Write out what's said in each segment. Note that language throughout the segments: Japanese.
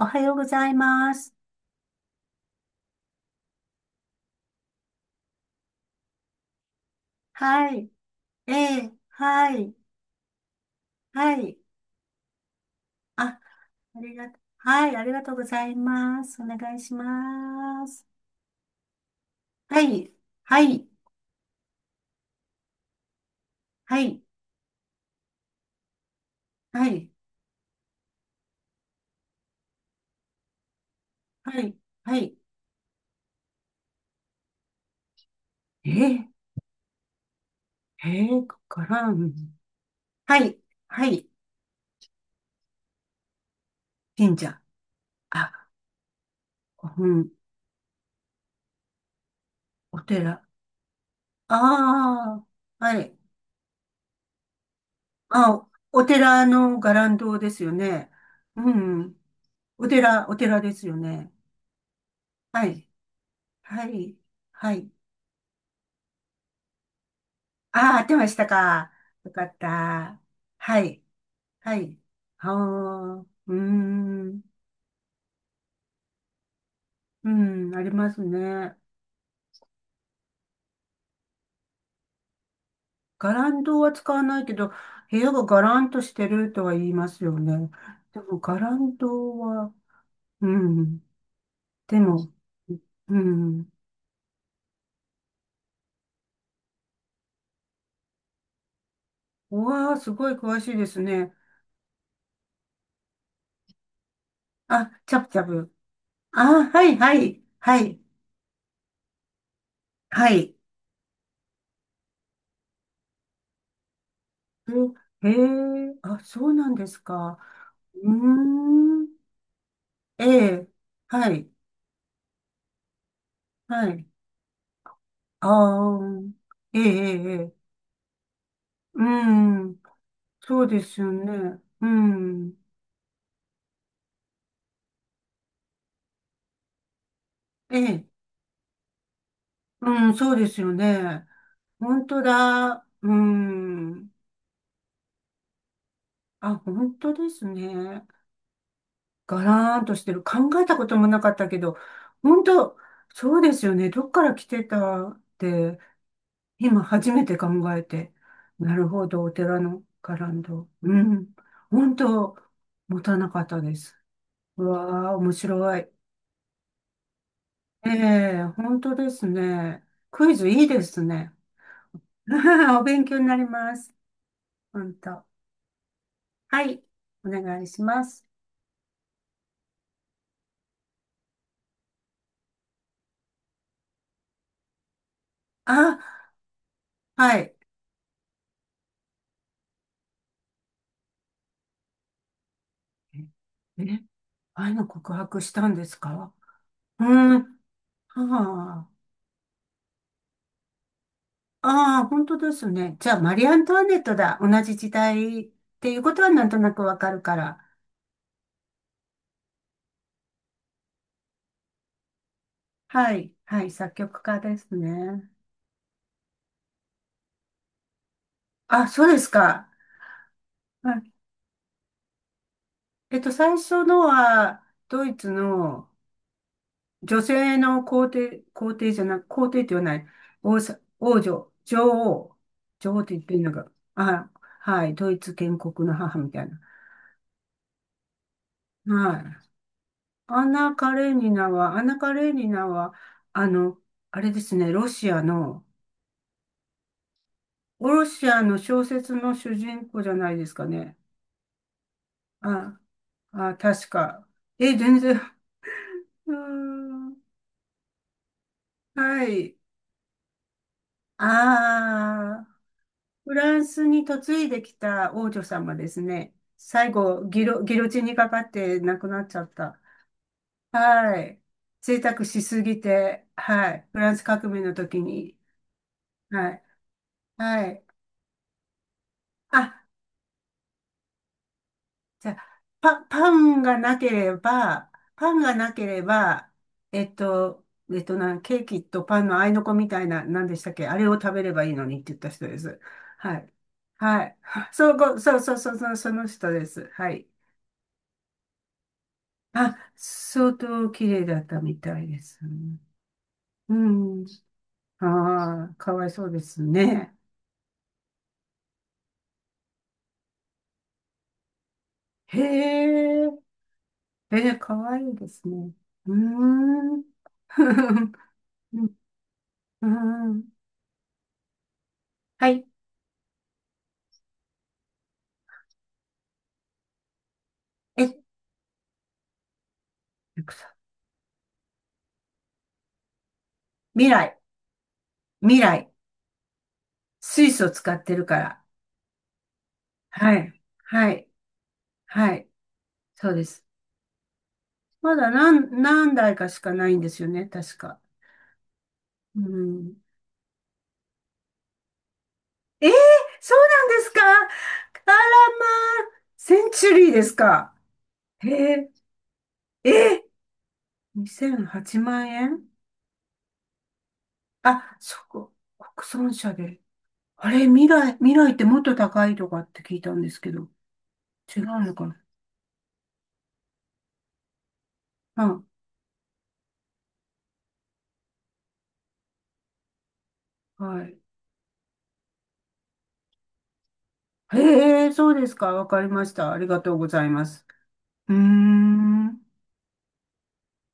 おはようございます。はい。ええ、はい。はい。あ、ありがと、はい。ありがとうございます。お願いします。はい。はい。はい。はい。はい。はい。ええ、ええ、かからん。はい。はい。神社。あ、うん。お寺。ああ、はい。あ、お寺の伽藍堂ですよね。うん。お寺ですよね。はい。はい。はい。ああ、合ってましたか。よかった。はい。はい。ああ、うーん。うん、ありますね。ガランドは使わないけど、部屋がガランとしてるとは言いますよね。でも、ガランドは、うん。でも、うん。うわあ、すごい詳しいですね。あ、チャプチャプ。あ、はい。え、へえ、あ、そうなんですか。うーん。ええ、はい、はい。ああ、ええ、ええ、ええ、うん、そうですよね。うん、ええ、うん、そうですよね。本当だ、うん。あ、本当ですね。ガラーンとしてる。考えたこともなかったけど、本当、そうですよね。どっから来てたって、今初めて考えて。なるほど、お寺のガランド。うん、本当、持たなかったです。うわあ、面白い。ええ、本当ですね。クイズいいですね。お勉強になります。本当。はい。お願いします。あ、はい。え、え、愛の告白したんですか？うん。はあ。ああ、本当ですね。じゃあ、マリー・アントワネットだ。同じ時代っていうことはなんとなくわかるから。はい。はい。作曲家ですね。あ、そうですか。はい。えっと、最初のは、ドイツの、女性の皇帝、皇帝じゃなく、皇帝って言わない。王さ、王女、女王。女王って言ってるのが、あ、はい、ドイツ建国の母みたいな。はい。アンナ・カレーニナは、アンナ・カレーニナは、あの、あれですね、ロシアの、ロシアの小説の主人公じゃないですかね。あ、あ、確か。え、全然、うーん、はい。ああ。フランスに嫁いできた王女様ですね。最後、ギロ、ギロチンにかかって亡くなっちゃった。はい。贅沢しすぎて、はい。フランス革命の時に。はい。はい。あ、じゃあ、パ、パンがなければ、えっと、えっとな、ケーキとパンの合いの子みたいな、何でしたっけ、あれを食べればいいのにって言った人です。はい。はい。そう、そう、その人です。はい。あ、相当綺麗だったみたいです。うん。ああ、かわいそうですね。へえ、えー、かわいいですね。うーん。うん。はい。え、未来、未来。水素使ってるから。はい。はい。はい。そうです。まだ何、何台かしかないんですよね、確か。うん。えー、そうなんですか？あらまあ、センチュリーですか？へえ、え、2008万円。あ、そこ、国産車で。あれ、未来ってもっと高いとかって聞いたんですけど、違うのかな？うん、はい。へえ、そうですか。わかりました。ありがとうございます。うーん。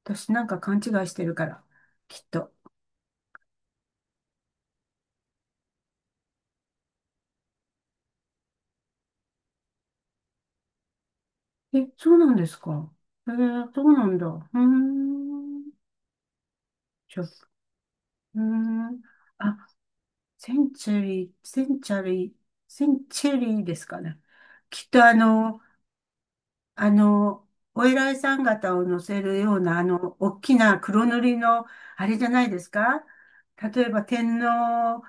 私なんか勘違いしてるから、きっと。え、そうなんですか。へえ、そうなんだ。うーん。ちょ、うーん。あ、センチュリー、センチャリー、センチュリーですかね。きっとあの、あの、お偉いさん方を乗せるような、あの、大きな黒塗りの、あれじゃないですか？例えば天皇、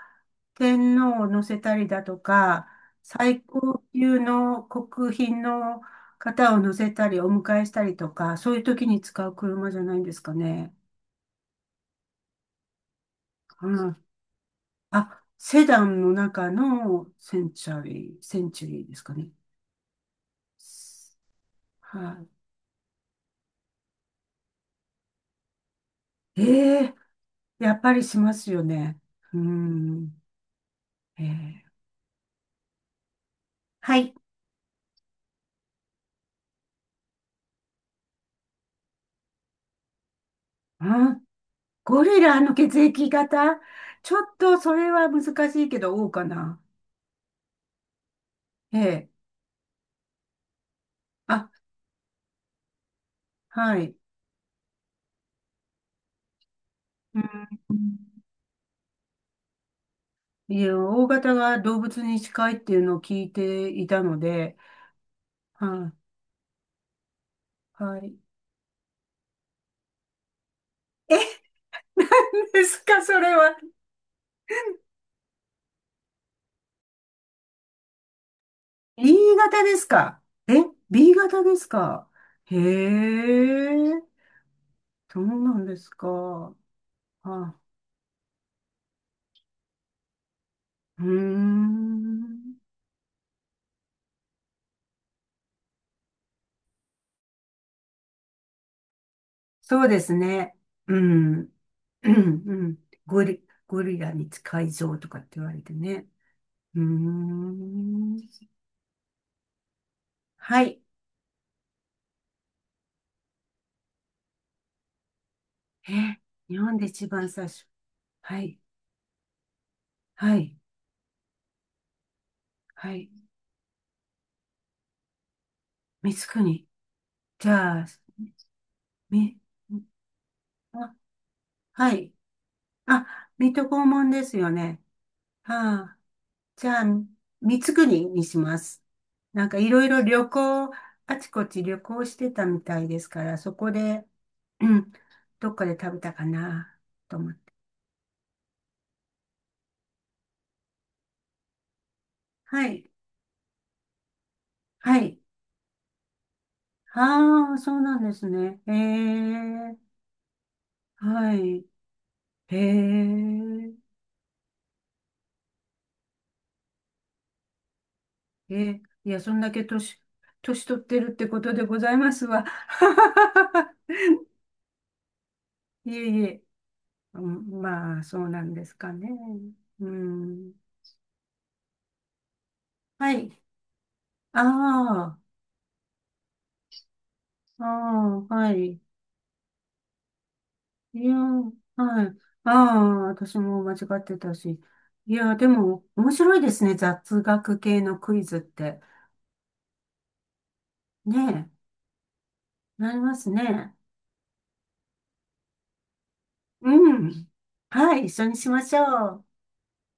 天皇を乗せたりだとか、最高級の国賓の方を乗せたり、お迎えしたりとか、そういう時に使う車じゃないんですかね。うん。あ、セダンの中のセンチュリーですかね。はい。ええ、やっぱりしますよね。うん。ええ、はい。うん。ゴリラの血液型、ちょっとそれは難しいけど、O かな。ええ。あ、はい。うん。いや、O 型が動物に近いっていうのを聞いていたので、はい。はい。え、ですか、それは。E 型ですか。え、B 型ですか。へえ、そうなんですか。あ、うーん。そうですね。うん。うん。うん。ゴリラに近い像とかって言われてね。うーん。はい。え、日本で一番最初。はい。はい。はい。光圀。じゃあ、み、あ、はい。あ、水戸黄門ですよね。はあ。じゃあ、三つ国にします。なんかいろいろ旅行、あちこち旅行してたみたいですから、そこで、うん、どっかで食べたかなと思って。はい。はい。ああ、そうなんですね。ええ、はい。ええ、え、いや、そんだけ年、年取ってるってことでございますわ。いえいえ、うん、まあ、そうなんですかね。うん。はい。ああ。ああ、はい。いや、はい。ああ、私も間違ってたし。いや、でも、面白いですね。雑学系のクイズって。ねえ、なりますね。うん。はい、一緒にしましょう。